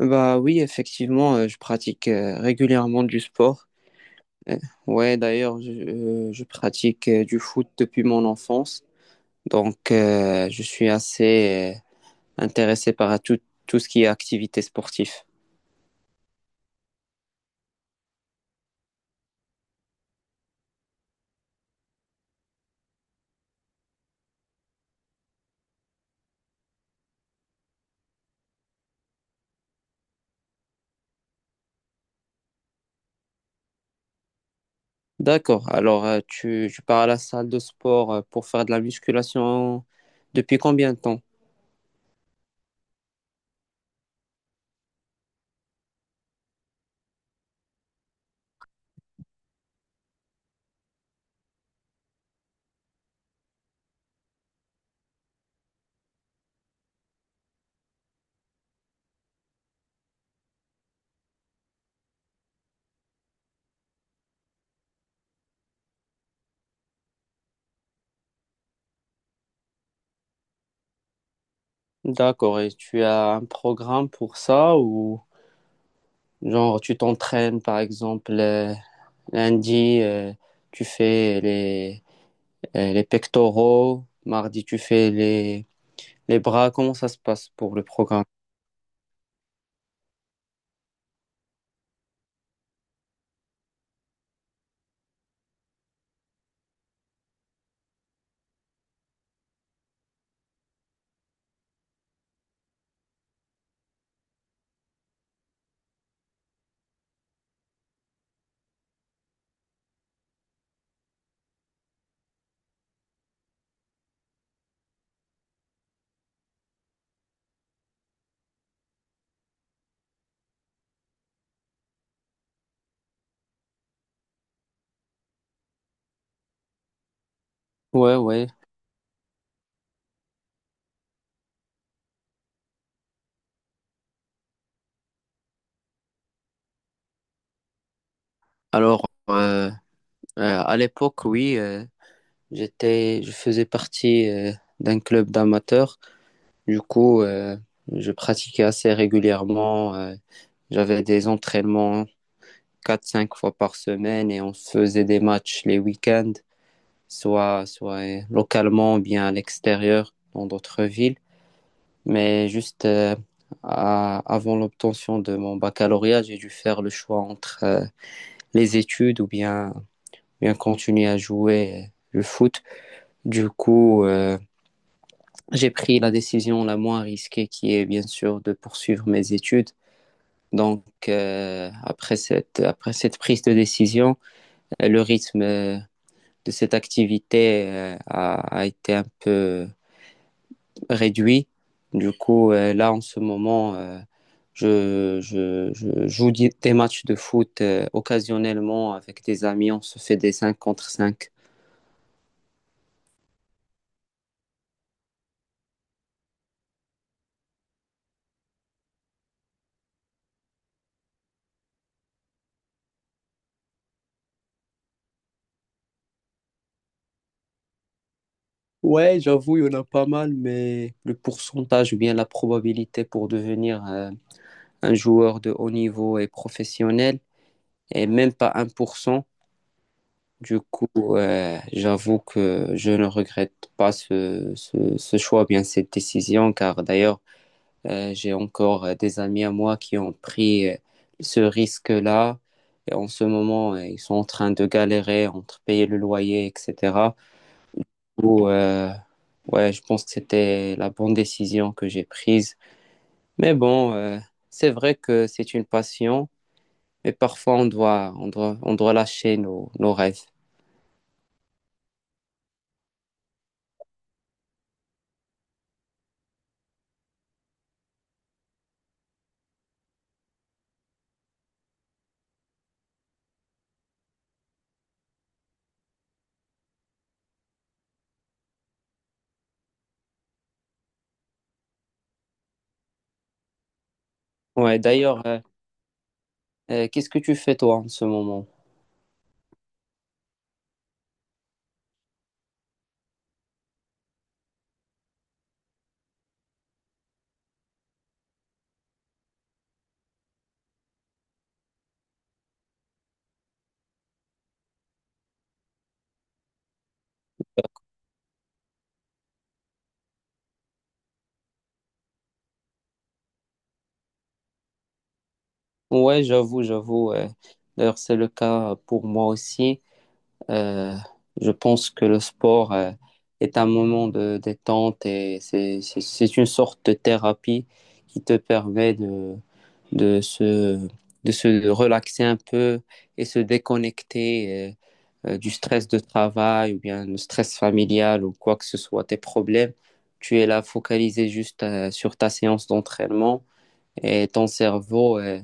Bah, oui, effectivement, je pratique régulièrement du sport. Euh, ouais, d'ailleurs, je pratique du foot depuis mon enfance. Donc, je suis assez intéressé par tout ce qui est activité sportive. D'accord. Alors, tu pars à la salle de sport pour faire de la musculation depuis combien de temps? D'accord. Et tu as un programme pour ça ou genre tu t'entraînes, par exemple, lundi, tu fais les pectoraux, mardi tu fais les bras, comment ça se passe pour le programme? Ouais, ouais. Alors, euh, à l'époque, oui, je faisais partie d'un club d'amateurs. Du coup, je pratiquais assez régulièrement. J'avais des entraînements quatre cinq fois par semaine et on se faisait des matchs les week-ends, soit localement ou bien à l'extérieur dans d'autres villes. Mais juste à- avant l'obtention de mon baccalauréat, j'ai dû faire le choix entre les études ou bien continuer à jouer le foot. Du coup, j'ai pris la décision la moins risquée qui est bien sûr de poursuivre mes études. Donc, après cette prise de décision, le rythme de cette activité a été un peu réduit. Du coup, là, en ce moment, je joue des matchs de foot occasionnellement avec des amis. On se fait des 5 contre 5. Ouais, j'avoue, il y en a pas mal, mais le pourcentage ou bien la probabilité pour devenir un joueur de haut niveau et professionnel est même pas 1%. Du coup, j'avoue que je ne regrette pas ce choix, bien cette décision, car d'ailleurs, j'ai encore des amis à moi qui ont pris ce risque-là. Et en ce moment, ils sont en train de galérer entre payer le loyer, etc. Ou, euh, ouais, je pense que c'était la bonne décision que j'ai prise. Mais bon, c'est vrai que c'est une passion, mais parfois on doit lâcher nos rêves. Ouais, d'ailleurs, qu'est-ce que tu fais toi en ce moment? Ouais, j'avoue. D'ailleurs, c'est le cas pour moi aussi. Euh, je pense que le sport est un moment de détente et c'est une sorte de thérapie qui te permet de se, de se relaxer un peu et se déconnecter du stress de travail ou bien le stress familial ou quoi que ce soit, tes problèmes. Tu es là focalisé juste sur ta séance d'entraînement et ton cerveau,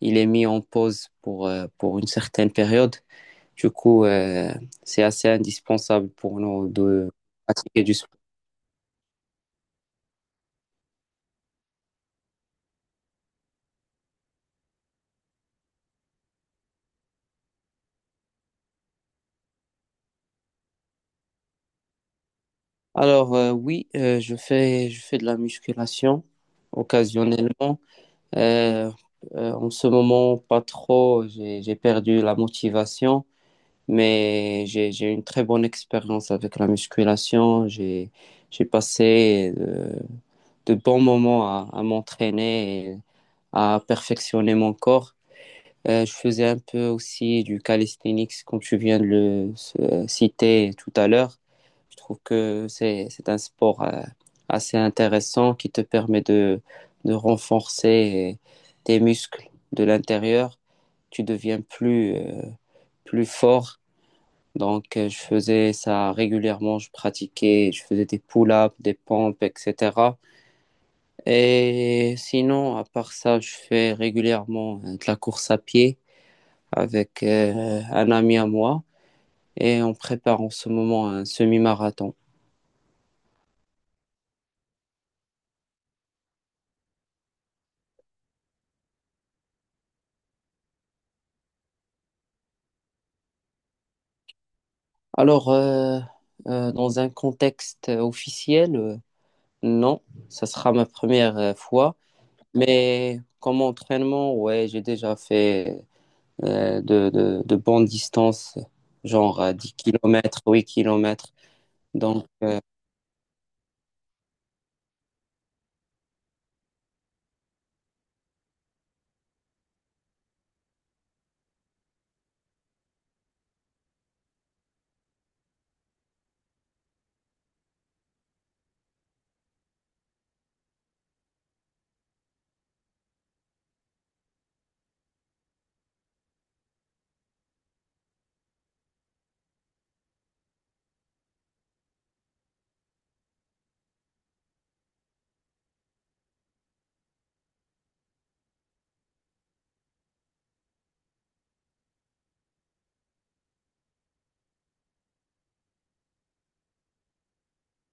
il est mis en pause pour une certaine période. Du coup, c'est assez indispensable pour nous de pratiquer du sport. Alors, oui, je fais de la musculation occasionnellement. Euh, En ce moment, pas trop. J'ai perdu la motivation, mais j'ai une très bonne expérience avec la musculation. J'ai passé de bons moments à m'entraîner et à perfectionner mon corps. Je faisais un peu aussi du calisthenics, comme tu viens de le citer tout à l'heure. Je trouve que c'est un sport assez intéressant qui te permet de renforcer tes muscles de l'intérieur. Tu deviens plus fort. Donc, je faisais ça régulièrement. Je pratiquais, je faisais des pull-ups, des pompes, etc. Et sinon, à part ça, je fais régulièrement de la course à pied avec un ami à moi et on prépare en ce moment un semi-marathon. Alors, dans un contexte officiel, non, ça sera ma première fois, mais comme entraînement, ouais, j'ai déjà fait de bonnes distances, genre 10 km, 8 km. Donc,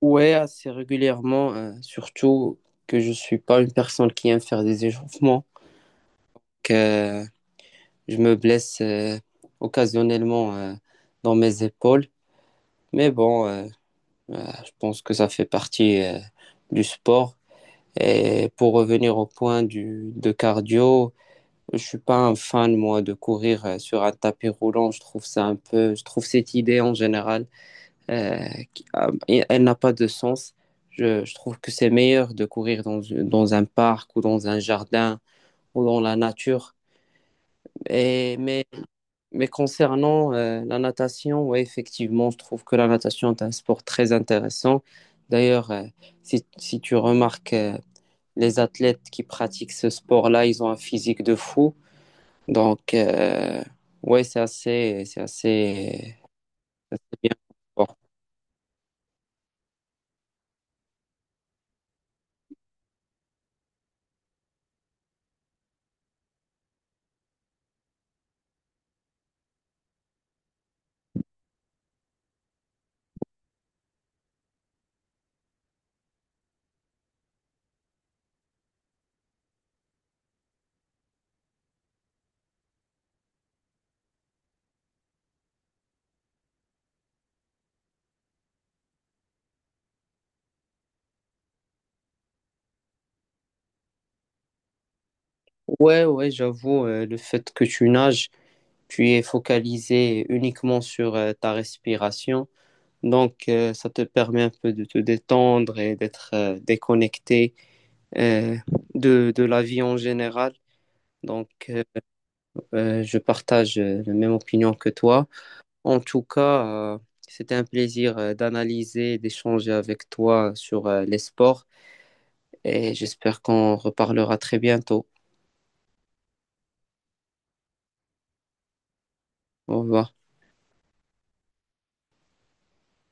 ouais, assez régulièrement, surtout que je suis pas une personne qui aime faire des échauffements. Donc, je me blesse occasionnellement dans mes épaules. Mais bon, je pense que ça fait partie du sport. Et pour revenir au point de cardio, je suis pas un fan, moi, de courir sur un tapis roulant. Je trouve ça un peu, je trouve cette idée en général, euh, elle n'a pas de sens. Je trouve que c'est meilleur de courir dans un parc ou dans un jardin ou dans la nature. Et, mais Mais concernant la natation, ouais, effectivement, je trouve que la natation est un sport très intéressant. D'ailleurs, si tu remarques, les athlètes qui pratiquent ce sport-là, ils ont un physique de fou. Donc, ouais, c'est assez bien. Ouais, ouais, j'avoue, le fait que tu nages, tu es focalisé uniquement sur ta respiration. Donc, ça te permet un peu de te détendre et d'être déconnecté euh, de la vie en général. Donc, je partage la même opinion que toi. En tout cas, c'était un plaisir d'analyser, d'échanger avec toi sur les sports et j'espère qu'on reparlera très bientôt. Au revoir.